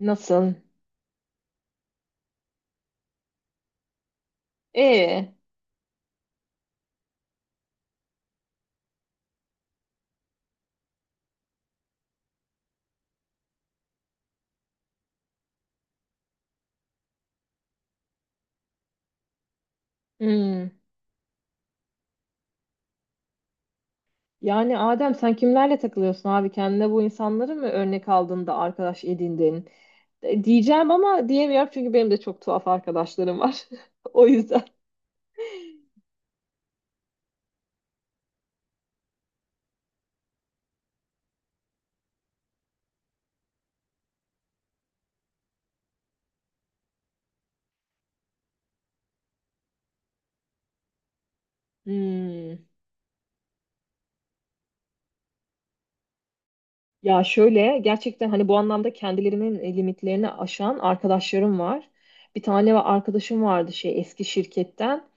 Nasıl? Ee, hmm. Yani Adem sen kimlerle takılıyorsun abi? Kendine bu insanları mı örnek aldın da arkadaş edindin? Diyeceğim ama diyemiyorum çünkü benim de çok tuhaf arkadaşlarım var. O yüzden. Hmm. Ya şöyle gerçekten hani bu anlamda kendilerinin limitlerini aşan arkadaşlarım var. Arkadaşım vardı şey eski şirketten.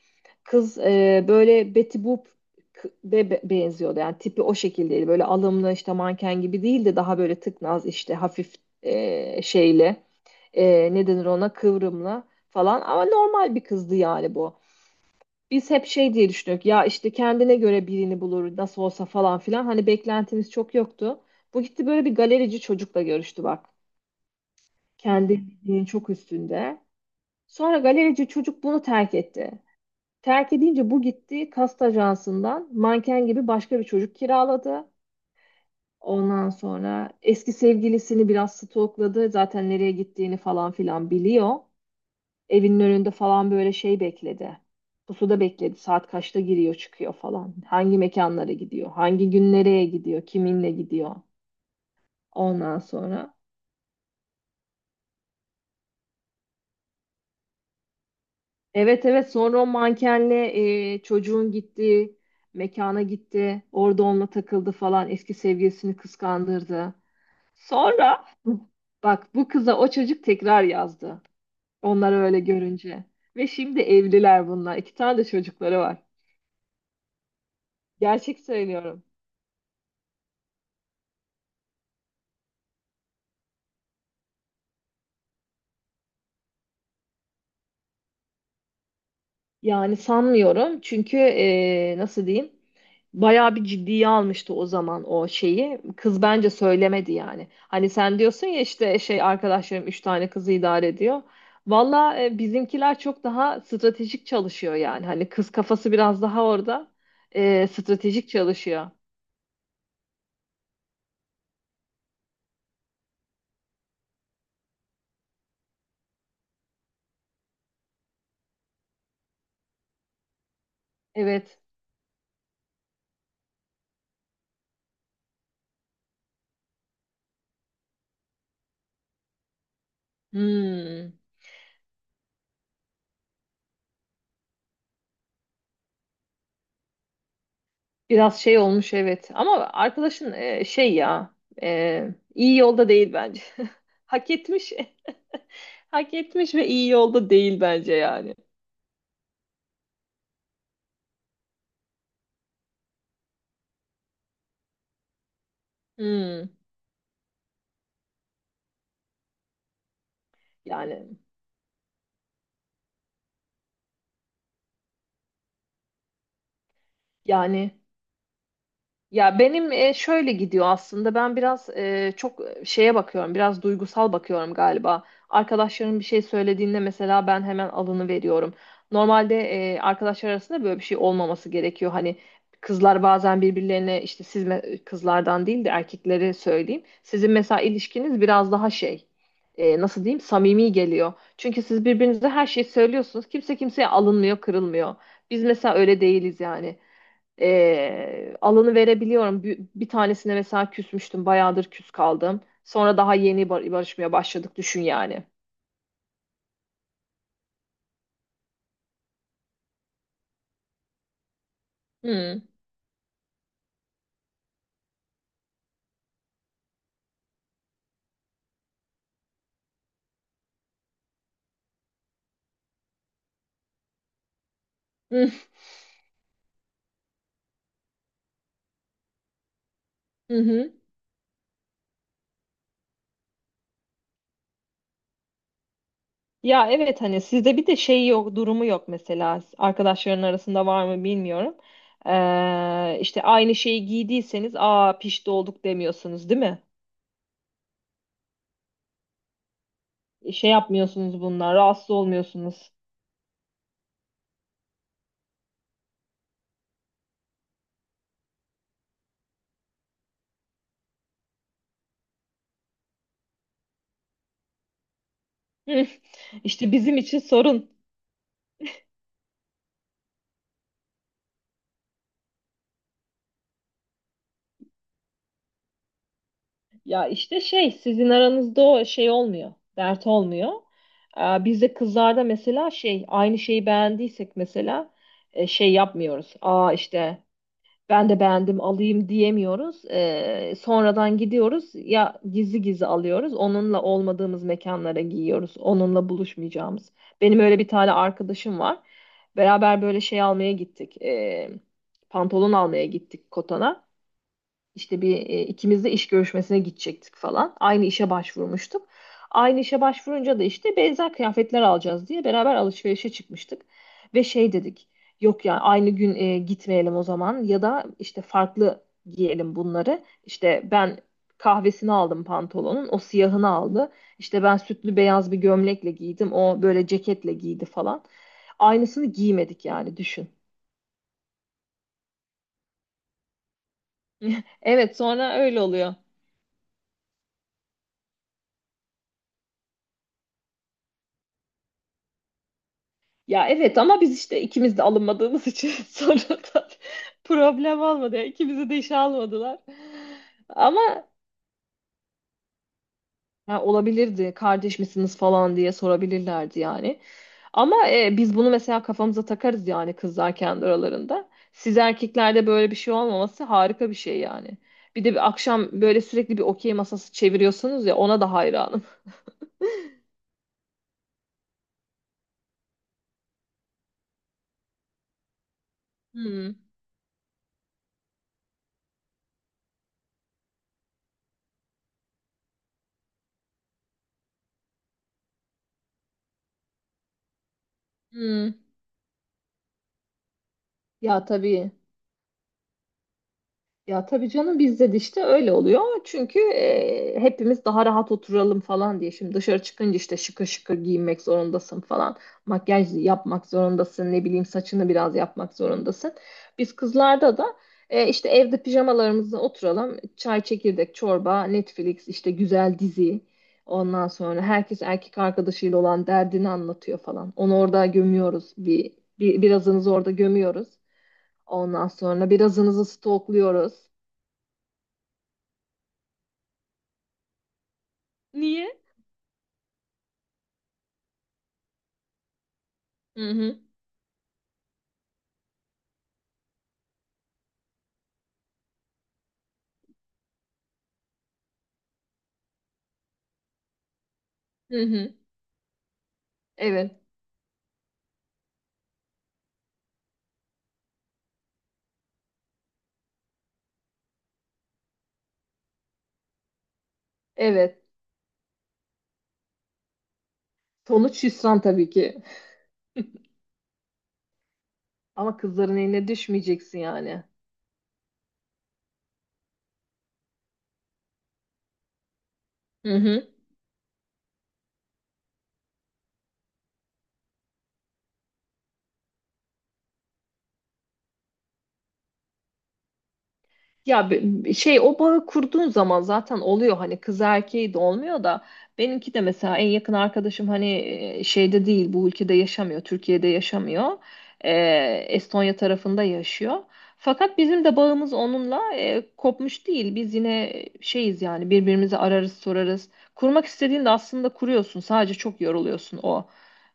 Kız böyle Betty Boop benziyordu. Yani tipi o şekildeydi. Böyle alımlı işte manken gibi değil de daha böyle tıknaz işte hafif şeyle ne denir ona kıvrımlı falan. Ama normal bir kızdı yani bu. Biz hep şey diye düşündük ya işte kendine göre birini bulur nasıl olsa falan filan hani beklentimiz çok yoktu. Bu gitti böyle bir galerici çocukla görüştü bak. Kendi bildiğinin çok üstünde. Sonra galerici çocuk bunu terk etti. Terk edince bu gitti kast ajansından manken gibi başka bir çocuk kiraladı. Ondan sonra eski sevgilisini biraz stalkladı zaten nereye gittiğini falan filan biliyor. Evinin önünde falan böyle şey bekledi. Pusuda bekledi. Saat kaçta giriyor çıkıyor falan. Hangi mekanlara gidiyor? Hangi gün nereye gidiyor? Kiminle gidiyor? Ondan sonra. Evet, evet, sonra o mankenle çocuğun gittiği mekana gitti. Orada onunla takıldı falan. Eski sevgilisini kıskandırdı. Sonra bak bu kıza o çocuk tekrar yazdı. Onları öyle görünce. Ve şimdi evliler bunlar. İki tane de çocukları var. Gerçek söylüyorum. Yani sanmıyorum çünkü nasıl diyeyim bayağı bir ciddiye almıştı o zaman o şeyi. Kız bence söylemedi yani. Hani sen diyorsun ya işte şey arkadaşlarım üç tane kızı idare ediyor. Valla bizimkiler çok daha stratejik çalışıyor yani. Hani kız kafası biraz daha orada stratejik çalışıyor. Evet. Hmm. Biraz şey olmuş, evet. Ama arkadaşın e, iyi yolda değil bence. Hak etmiş. Hak etmiş ve iyi yolda değil bence yani. Hmm, yani yani ya benim şöyle gidiyor aslında. Ben biraz şeye bakıyorum. Biraz duygusal bakıyorum galiba. Arkadaşlarım bir şey söylediğinde mesela ben hemen alını veriyorum. Normalde arkadaşlar arasında böyle bir şey olmaması gerekiyor. Hani kızlar bazen birbirlerine işte siz kızlardan değil de erkeklere söyleyeyim. Sizin mesela ilişkiniz biraz daha şey nasıl diyeyim samimi geliyor. Çünkü siz birbirinize her şeyi söylüyorsunuz. Kimse kimseye alınmıyor, kırılmıyor. Biz mesela öyle değiliz yani alanı verebiliyorum. Bir tanesine mesela küsmüştüm. Bayağıdır küs kaldım. Sonra daha yeni barışmaya başladık düşün yani. Hı. Hı hı. Hı. Ya evet hani sizde bir de şey yok, durumu yok mesela. Arkadaşların arasında var mı bilmiyorum. İşte aynı şeyi giydiyseniz aa pişti olduk demiyorsunuz değil mi? Şey yapmıyorsunuz bunlar, rahatsız olmuyorsunuz. Hı. İşte bizim için sorun. Ya işte şey sizin aranızda o şey olmuyor. Dert olmuyor. Bizde kızlarda mesela şey aynı şeyi beğendiysek mesela şey yapmıyoruz. Aa işte ben de beğendim alayım diyemiyoruz. Sonradan gidiyoruz ya gizli gizli alıyoruz. Onunla olmadığımız mekanlara giyiyoruz. Onunla buluşmayacağımız. Benim öyle bir tane arkadaşım var. Beraber böyle şey almaya gittik. Pantolon almaya gittik Kotan'a. İşte bir ikimiz de iş görüşmesine gidecektik falan. Aynı işe başvurmuştuk. Aynı işe başvurunca da işte benzer kıyafetler alacağız diye beraber alışverişe çıkmıştık. Ve şey dedik. Yok ya aynı gün gitmeyelim o zaman ya da işte farklı giyelim bunları. İşte ben kahvesini aldım pantolonun, o siyahını aldı. İşte ben sütlü beyaz bir gömlekle giydim, o böyle ceketle giydi falan. Aynısını giymedik yani düşün. Evet, sonra öyle oluyor. Ya evet ama biz işte ikimiz de alınmadığımız için sonradan problem olmadı. Yani ikimizi de işe almadılar. Ama ha, olabilirdi kardeş misiniz falan diye sorabilirlerdi yani. Ama biz bunu mesela kafamıza takarız yani kızlar kendi aralarında. Siz erkeklerde böyle bir şey olmaması harika bir şey yani. Bir de bir akşam böyle sürekli bir okey masası çeviriyorsunuz ya ona da hayranım. Hmm, hmm. Ya tabii. Ya tabii canım bizde de işte öyle oluyor. Çünkü hepimiz daha rahat oturalım falan diye. Şimdi dışarı çıkınca işte şıkır şıkır giyinmek zorundasın falan. Makyaj yapmak zorundasın. Ne bileyim saçını biraz yapmak zorundasın. Biz kızlarda da işte evde pijamalarımızla oturalım. Çay, çekirdek, çorba, Netflix, işte güzel dizi. Ondan sonra herkes erkek arkadaşıyla olan derdini anlatıyor falan. Onu orada gömüyoruz. Bir birazınızı orada gömüyoruz. Ondan sonra birazınızı stokluyoruz. Niye? Hı hı. Hı hı. Evet. Evet. Sonuç hüsran tabii ki. Ama kızların eline düşmeyeceksin yani. Hı hı. Ya şey o bağı kurduğun zaman zaten oluyor hani kız erkeği de olmuyor da benimki de mesela en yakın arkadaşım hani şeyde değil bu ülkede yaşamıyor, Türkiye'de yaşamıyor. E, Estonya tarafında yaşıyor fakat bizim de bağımız onunla kopmuş değil, biz yine şeyiz yani birbirimizi ararız sorarız. Kurmak istediğinde aslında kuruyorsun, sadece çok yoruluyorsun o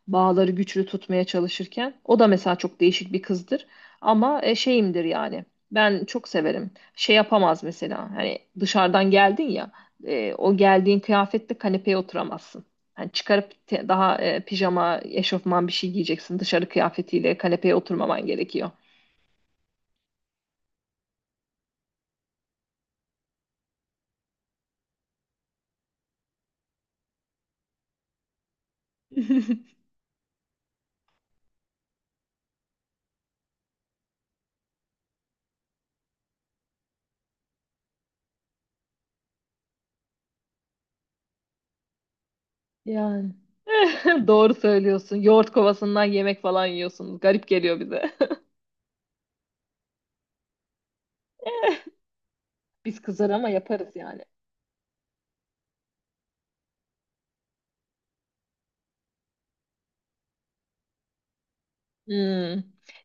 bağları güçlü tutmaya çalışırken. O da mesela çok değişik bir kızdır ama şeyimdir yani, ben çok severim. Şey yapamaz mesela. Hani dışarıdan geldin ya o geldiğin kıyafetle kanepeye oturamazsın. Hani çıkarıp pijama, eşofman bir şey giyeceksin. Dışarı kıyafetiyle kanepeye oturmaman gerekiyor. Yani Doğru söylüyorsun. Yoğurt kovasından yemek falan yiyorsunuz. Garip geliyor bize. Biz kızar ama yaparız yani. Hmm.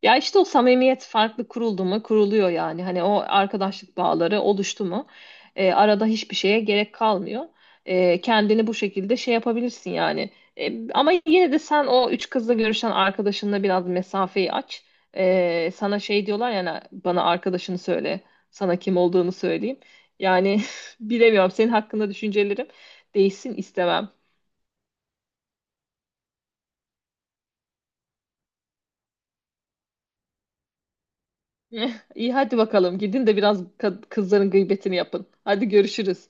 Ya işte o samimiyet farklı kuruldu mu kuruluyor yani. Hani o arkadaşlık bağları oluştu mu arada hiçbir şeye gerek kalmıyor. Kendini bu şekilde şey yapabilirsin yani. Ama yine de sen o üç kızla görüşen arkadaşınla biraz mesafeyi aç. Sana şey diyorlar yani, bana arkadaşını söyle. Sana kim olduğunu söyleyeyim. Yani bilemiyorum, senin hakkında düşüncelerim değişsin istemem. İyi, hadi bakalım gidin de biraz kızların gıybetini yapın. Hadi görüşürüz.